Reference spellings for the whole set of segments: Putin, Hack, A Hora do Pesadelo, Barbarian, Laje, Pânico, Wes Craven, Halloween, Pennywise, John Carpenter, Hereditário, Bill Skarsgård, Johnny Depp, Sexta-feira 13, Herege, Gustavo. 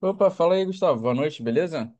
Opa, fala aí, Gustavo. Boa noite, beleza?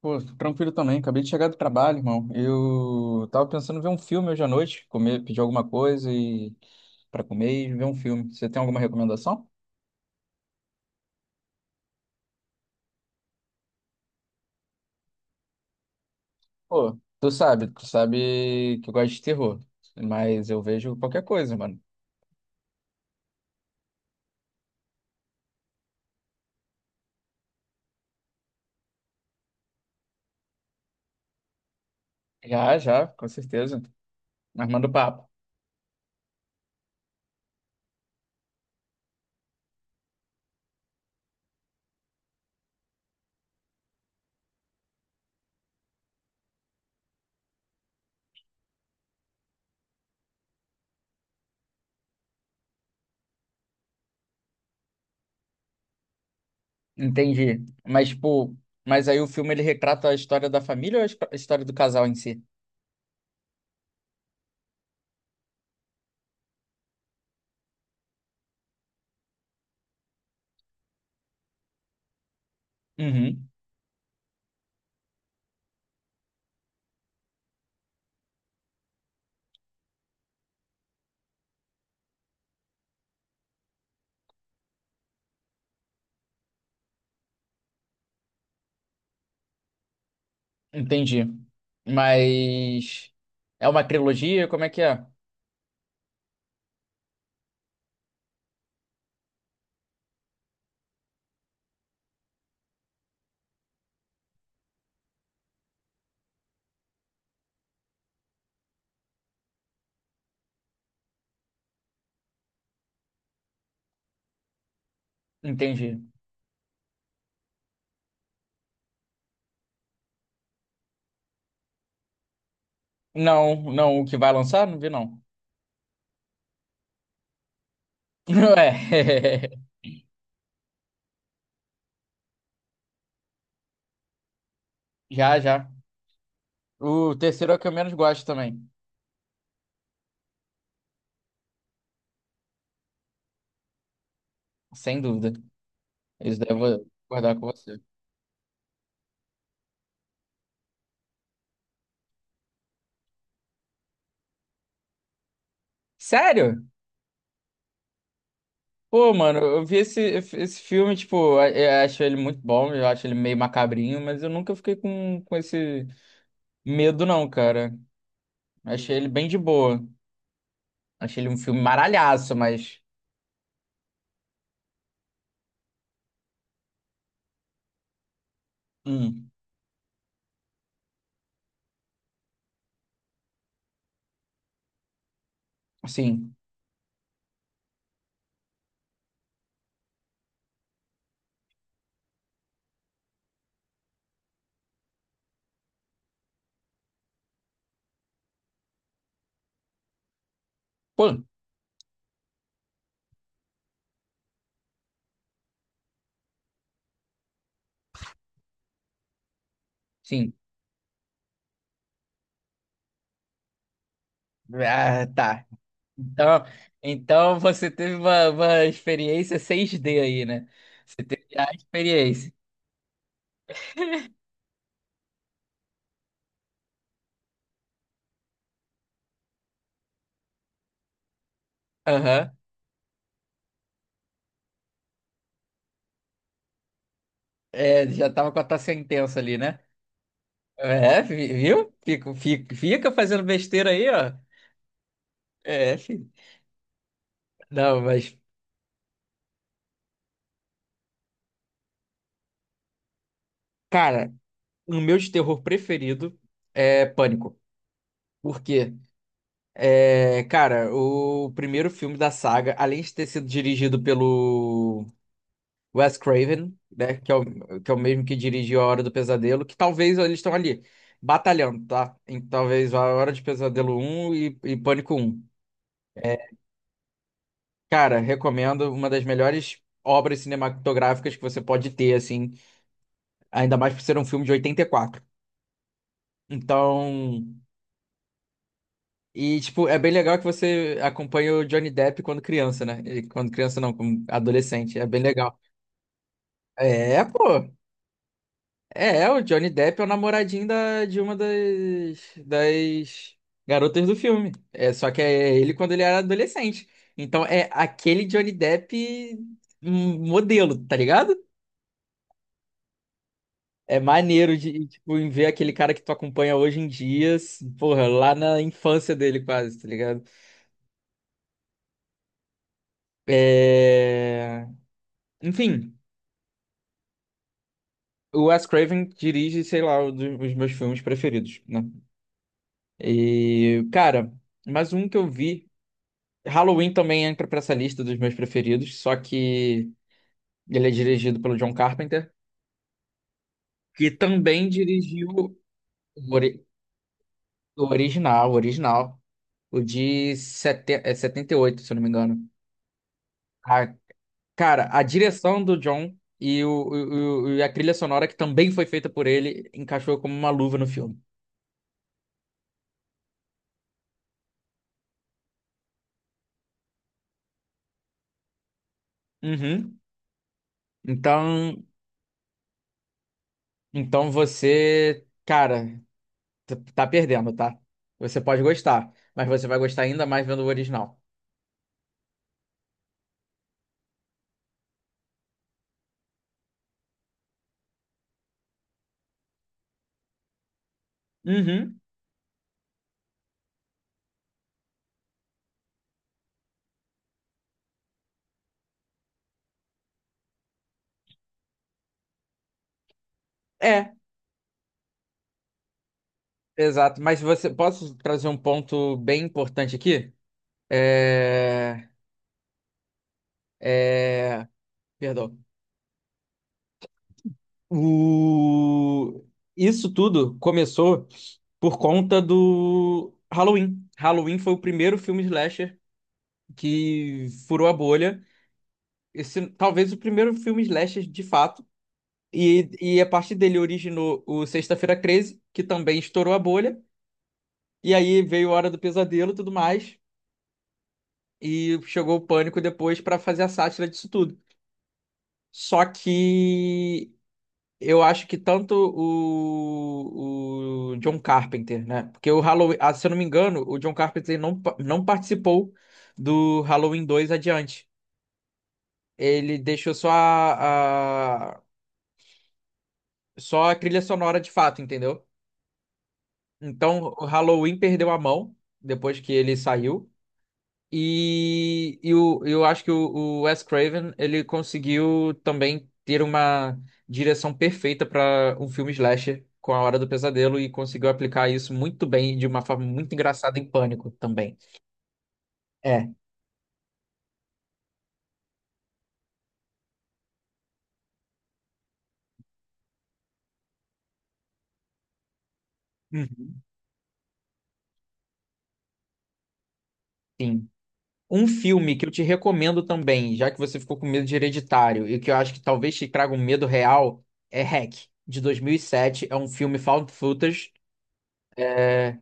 Pô, tranquilo também. Acabei de chegar do trabalho, irmão. Eu tava pensando em ver um filme hoje à noite, comer, pedir alguma coisa e para comer e ver um filme. Você tem alguma recomendação? Pô, tu sabe que eu gosto de terror, mas eu vejo qualquer coisa, mano. Já, já, com certeza. Armando papo. Entendi. Mas, pô, mas aí o filme ele retrata a história da família ou a a história do casal em si? Uhum. Entendi. Mas é uma trilogia? Como é que é? Entendi. Não, não, o que vai lançar? Não vi, não. Ué, já, já. O terceiro é o que eu menos gosto também, sem dúvida. Isso daí eu vou concordar com você. Sério? Pô, mano, esse filme, tipo, eu acho ele muito bom, eu acho ele meio macabrinho, mas eu nunca fiquei com esse medo, não, cara. Achei ele bem de boa. Achei ele um filme maralhaço, mas. Hum, sim. Pô. Sim. Ah, tá. Então, então você teve uma experiência 6D aí, né? Você teve a experiência. Aham. É, já tava com a taça intensa ali, né? É, viu? Fica, fica, fica fazendo besteira aí, ó. É, filho. Não, mas, cara, o meu de terror preferido é Pânico. Por quê? É, cara, o primeiro filme da saga, além de ter sido dirigido pelo Wes Craven, né? Que é o mesmo que dirigiu A Hora do Pesadelo, que talvez eles estão ali batalhando, tá? Em, talvez A Hora de Pesadelo um e Pânico um. É, cara, recomendo uma das melhores obras cinematográficas que você pode ter, assim, ainda mais por ser um filme de 84. Então, e tipo, é bem legal que você acompanha o Johnny Depp quando criança, né? E quando criança não, como adolescente, é bem legal. É, pô. É, é, o Johnny Depp é o namoradinho de uma das garotas do filme. É, só que é ele quando ele era adolescente. Então é aquele Johnny Depp modelo, tá ligado? É maneiro de, tipo, em ver aquele cara que tu acompanha hoje em dia, porra, lá na infância dele quase, tá ligado? É... Enfim, o Wes Craven dirige, sei lá, um dos meus filmes preferidos, né? E, cara, mais um que eu vi. Halloween também entra pra essa lista dos meus preferidos, só que ele é dirigido pelo John Carpenter, que também dirigiu o, ori- o original, o original, o de é, 78, se eu não me engano. A, cara, a direção do John e a trilha sonora, que também foi feita por ele, encaixou como uma luva no filme. Uhum. Então, então você, cara, tá perdendo, tá? Você pode gostar, mas você vai gostar ainda mais vendo o original. Uhum. É, exato, mas você posso trazer um ponto bem importante aqui? É, é, perdão. O, isso tudo começou por conta do Halloween. Halloween foi o primeiro filme slasher que furou a bolha. Esse, talvez o primeiro filme slasher de fato. E a partir dele originou o Sexta-feira 13, que também estourou a bolha. E aí veio a Hora do Pesadelo e tudo mais. E chegou o Pânico depois pra fazer a sátira disso tudo. Só que eu acho que tanto o John Carpenter, né? Porque o Halloween, ah, se eu não me engano, o John Carpenter não, não participou do Halloween 2 adiante. Ele deixou só a trilha sonora de fato, entendeu? Então o Halloween perdeu a mão depois que ele saiu. Eu acho que o Wes Craven ele conseguiu também ter uma direção perfeita para um filme slasher com A Hora do Pesadelo e conseguiu aplicar isso muito bem, de uma forma muito engraçada em Pânico também. É, uhum, sim. Um filme que eu te recomendo também, já que você ficou com medo de Hereditário e que eu acho que talvez te traga um medo real, é Hack, de 2007. É um filme found footage. é,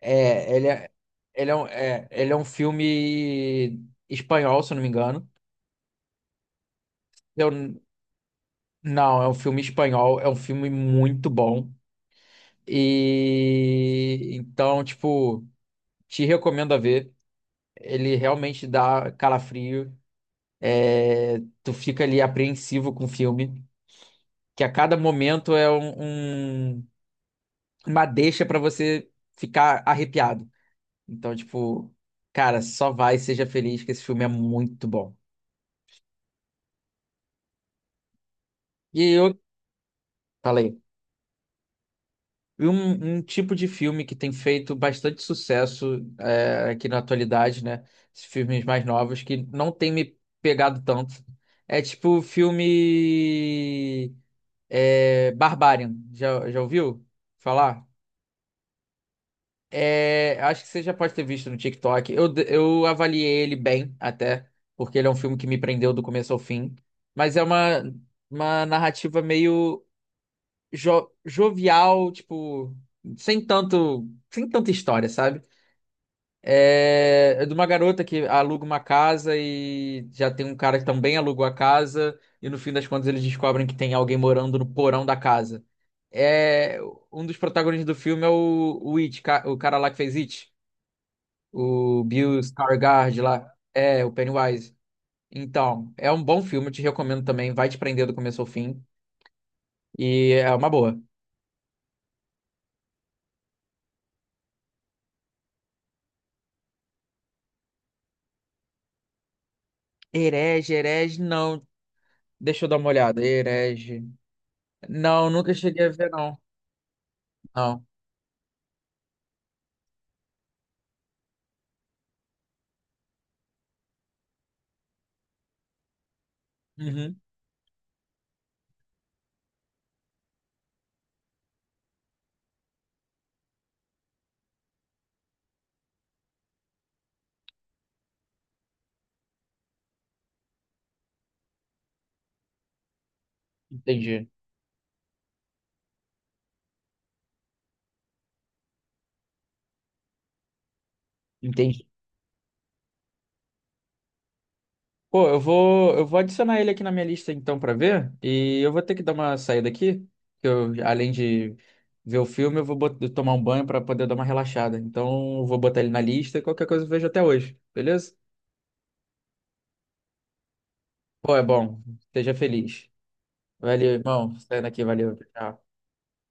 É, ele é, ele é, ele é um filme espanhol, se eu não me engano. Eu, não, é um filme espanhol, é um filme muito bom. E então, tipo, te recomendo a ver. Ele realmente dá calafrio. É, tu fica ali apreensivo com o filme, que a cada momento é uma deixa pra você ficar arrepiado. Então, tipo, cara, só vai, seja feliz, que esse filme é muito bom. E eu falei. E um tipo de filme que tem feito bastante sucesso é, aqui na atualidade, né? Esses filmes mais novos que não tem me pegado tanto. É tipo o filme é, Barbarian. Já, já ouviu falar? É, acho que você já pode ter visto no TikTok. Eu avaliei ele bem até, porque ele é um filme que me prendeu do começo ao fim. Mas é uma narrativa meio jovial, tipo, sem tanta história, sabe? É, é de uma garota que aluga uma casa e já tem um cara que também alugou a casa, e no fim das contas eles descobrem que tem alguém morando no porão da casa. É, um dos protagonistas do filme é o It, o cara lá que fez It, o Bill Skarsgård lá, é, o Pennywise. Então, é um bom filme, eu te recomendo também, vai te prender do começo ao fim, e é uma boa. Herege, não. Deixa eu dar uma olhada. Herege. Não, nunca cheguei a ver, não. Não. Uhum. Entendi. Entendi. Pô, eu vou adicionar ele aqui na minha lista então pra ver. E eu vou ter que dar uma saída aqui. Que eu, além de ver o filme, eu vou tomar um banho pra poder dar uma relaxada. Então, eu vou botar ele na lista e qualquer coisa eu vejo até hoje. Beleza? Pô, é bom. Esteja feliz. Valeu, irmão. Saindo aqui, valeu. Tchau.